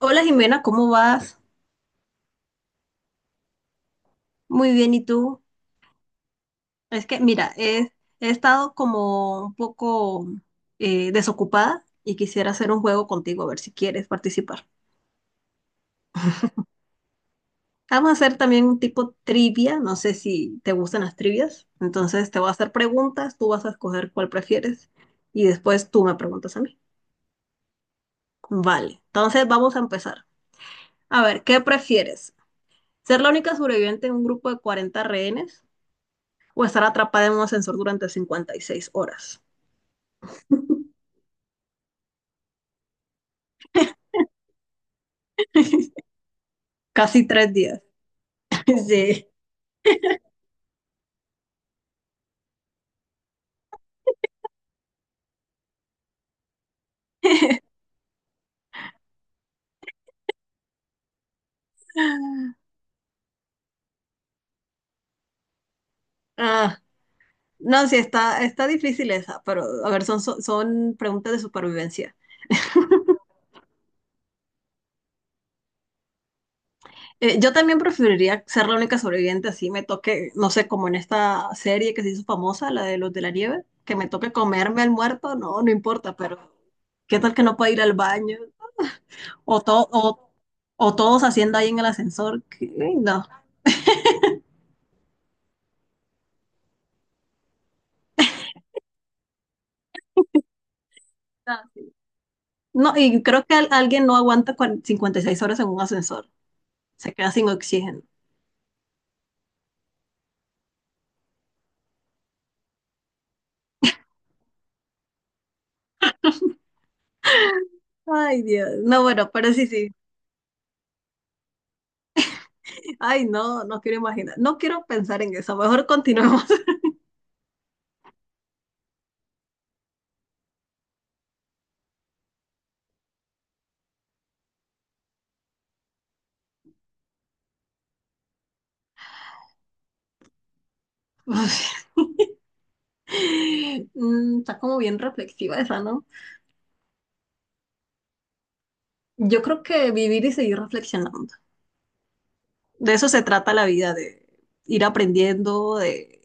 Hola Jimena, ¿cómo vas? Muy bien, ¿y tú? Es que, mira, he estado como un poco desocupada y quisiera hacer un juego contigo, a ver si quieres participar. Vamos a hacer también un tipo trivia, no sé si te gustan las trivias. Entonces te voy a hacer preguntas, tú vas a escoger cuál prefieres y después tú me preguntas a mí. Vale, entonces vamos a empezar. A ver, ¿qué prefieres? ¿Ser la única sobreviviente en un grupo de 40 rehenes o estar atrapada en un ascensor durante 56 horas? Casi tres días. Sí. Ah, no, sí, está difícil esa, pero a ver, son preguntas de supervivencia. Yo también preferiría ser la única sobreviviente, así me toque, no sé, como en esta serie que se hizo famosa, la de los de la nieve, que me toque comerme al muerto, no, no importa, pero ¿qué tal que no pueda ir al baño? O, to- o, o todos haciendo ahí en el ascensor, no. No, y creo que alguien no aguanta 56 horas en un ascensor. Se queda sin oxígeno. Ay, Dios. No, bueno, pero sí, sí. Ay, no, no quiero imaginar. No quiero pensar en eso. Mejor continuemos. Está como bien reflexiva esa, ¿no? Yo creo que vivir y seguir reflexionando. De eso se trata la vida, de ir aprendiendo, de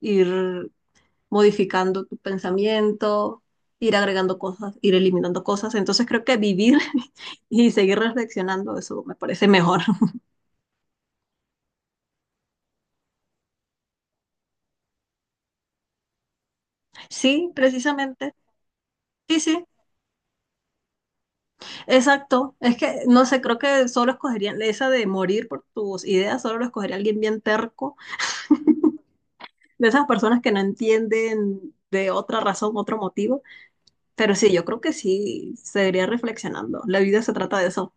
ir modificando tu pensamiento, ir agregando cosas, ir eliminando cosas. Entonces creo que vivir y seguir reflexionando, eso me parece mejor. Sí, precisamente. Sí, sí, exacto. Es que, no sé, creo que solo escogerían esa de morir por tus ideas, solo lo escogería alguien bien terco, de esas personas que no entienden de otra razón, otro motivo. Pero sí, yo creo que sí, seguiría reflexionando. La vida se trata de eso.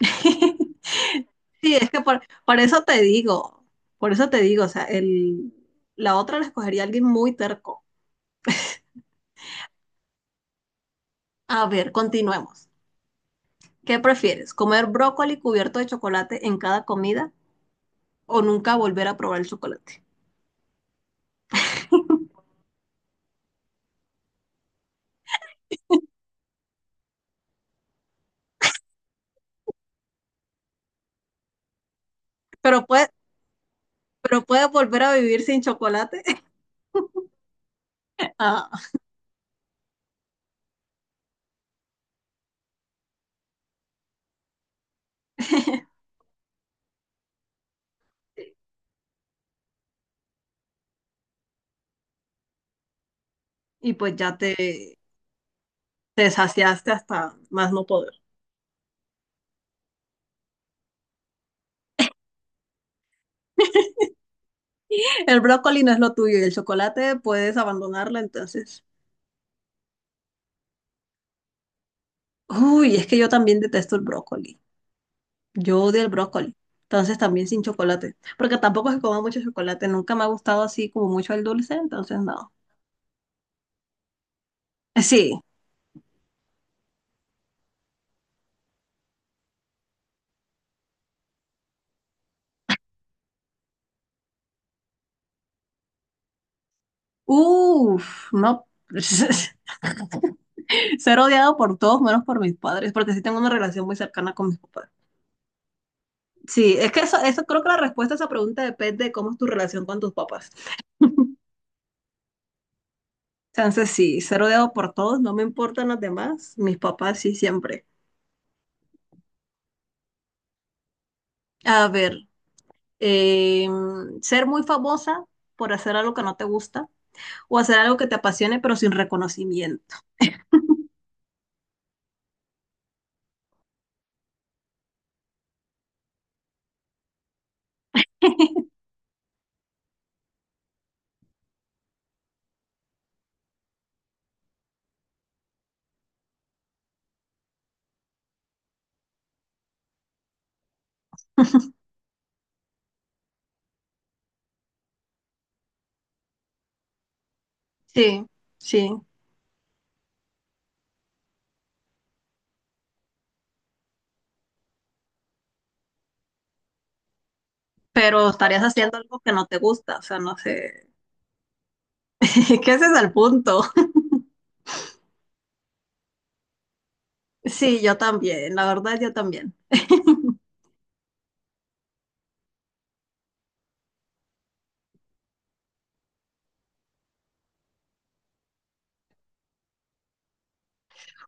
Sí, es que por eso te digo, por eso te digo, o sea, la otra la escogería alguien muy terco. A ver, continuemos. ¿Qué prefieres? ¿Comer brócoli cubierto de chocolate en cada comida o nunca volver a probar el chocolate? Pero puedes, pero puedes volver a vivir sin chocolate. Ah, y te saciaste hasta más no poder. El brócoli no es lo tuyo y el chocolate puedes abandonarlo entonces. Uy, es que yo también detesto el brócoli. Yo odio el brócoli, entonces también sin chocolate, porque tampoco es que coma mucho chocolate, nunca me ha gustado así como mucho el dulce, entonces no. Sí, uff, no, ser odiado por todos menos por mis padres, porque sí tengo una relación muy cercana con mis papás. Sí, es que eso creo que la respuesta a esa pregunta depende de cómo es tu relación con tus papás. Entonces sí, ser odiado por todos, no me importan los demás, mis papás sí siempre. A ver, ser muy famosa por hacer algo que no te gusta o hacer algo que te apasione, pero sin reconocimiento. Sí, sí. Pero estarías haciendo algo que no te gusta, o sea, no sé. ¿Qué ese es el punto? Sí, yo también, la verdad, yo también.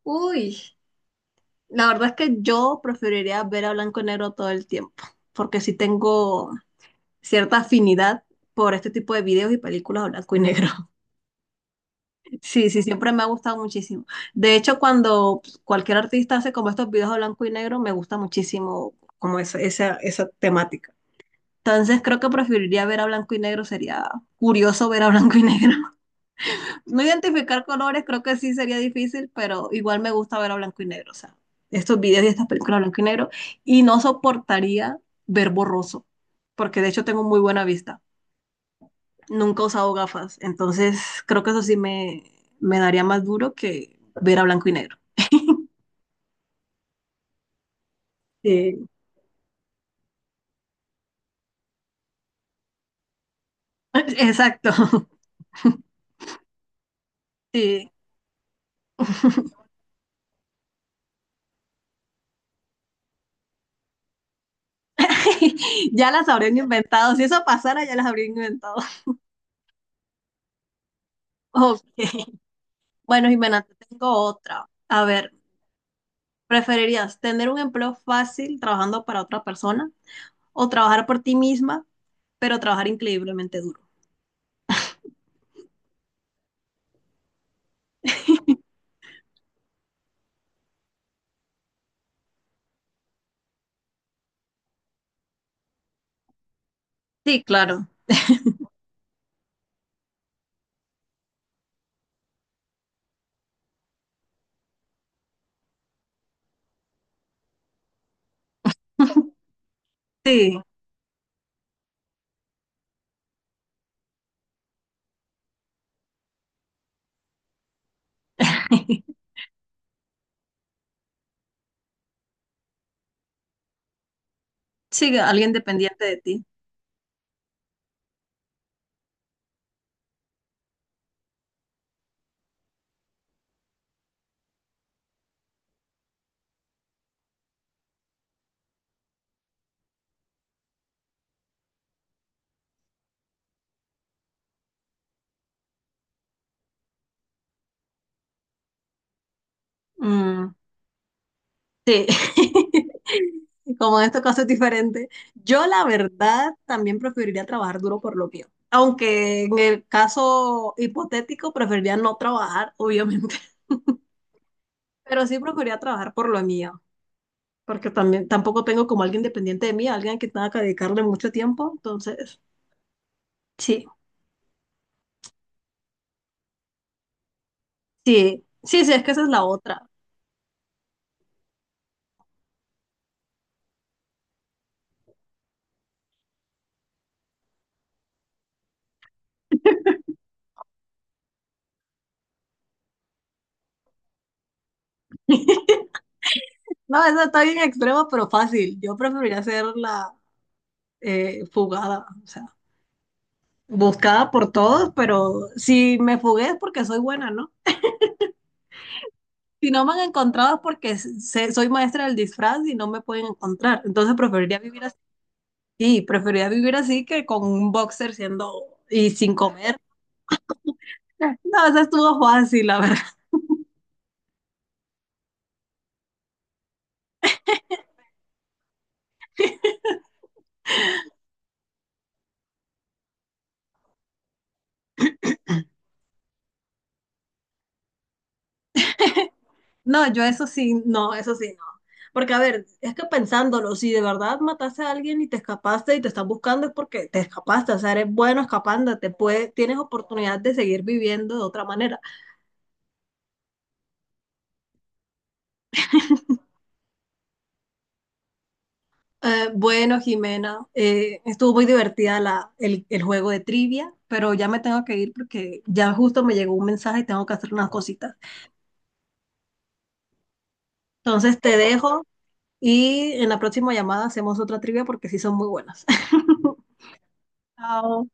Uy, la verdad es que yo preferiría ver a blanco y negro todo el tiempo, porque sí tengo cierta afinidad por este tipo de videos y películas a blanco y negro. Sí, sí, siempre me ha gustado muchísimo. De hecho, cuando cualquier artista hace como estos videos a blanco y negro, me gusta muchísimo como esa temática. Entonces creo que preferiría ver a blanco y negro, sería curioso ver a blanco y negro. No identificar colores creo que sí sería difícil, pero igual me gusta ver a blanco y negro, o sea, estos videos y estas películas a blanco y negro, y no soportaría ver borroso, porque de hecho tengo muy buena vista nunca he usado gafas, entonces creo que eso me daría más duro que ver a blanco y negro. Sí. Exacto, sí. Ya las habrían inventado, si eso pasara ya las habrían inventado. Ok, bueno Jimena, te tengo otra. A ver, ¿preferirías tener un empleo fácil trabajando para otra persona o trabajar por ti misma, pero trabajar increíblemente duro? Sí, claro. Sí, sí, alguien dependiente de ti. Mm, sí, como en estos casos es diferente. Yo la verdad también preferiría trabajar duro por lo mío, aunque en el caso hipotético preferiría no trabajar, obviamente, pero sí preferiría trabajar por lo mío, porque también tampoco tengo como alguien dependiente de mí, alguien que tenga que dedicarle mucho tiempo, entonces sí, sí, sí, sí, es que esa es la otra. No, esa está bien extrema, pero fácil. Yo preferiría hacer la fugada, o sea. Buscada por todos, pero si me fugué es porque soy buena, ¿no? Si no me han encontrado es porque soy maestra del disfraz y no me pueden encontrar. Entonces preferiría vivir así. Sí, preferiría vivir así que con un boxer siendo y sin comer. No, eso estuvo fácil, la verdad. No, yo eso sí, no, eso sí, no. Porque, a ver, es que pensándolo, si de verdad mataste a alguien y te escapaste y te están buscando es porque te escapaste, o sea, eres bueno escapándote, puedes, tienes oportunidad de seguir viviendo de otra manera. Bueno, Jimena, estuvo muy divertida el juego de trivia, pero ya me tengo que ir porque ya justo me llegó un mensaje y tengo que hacer unas cositas. Entonces te dejo y en la próxima llamada hacemos otra trivia porque sí son muy buenas. Chao.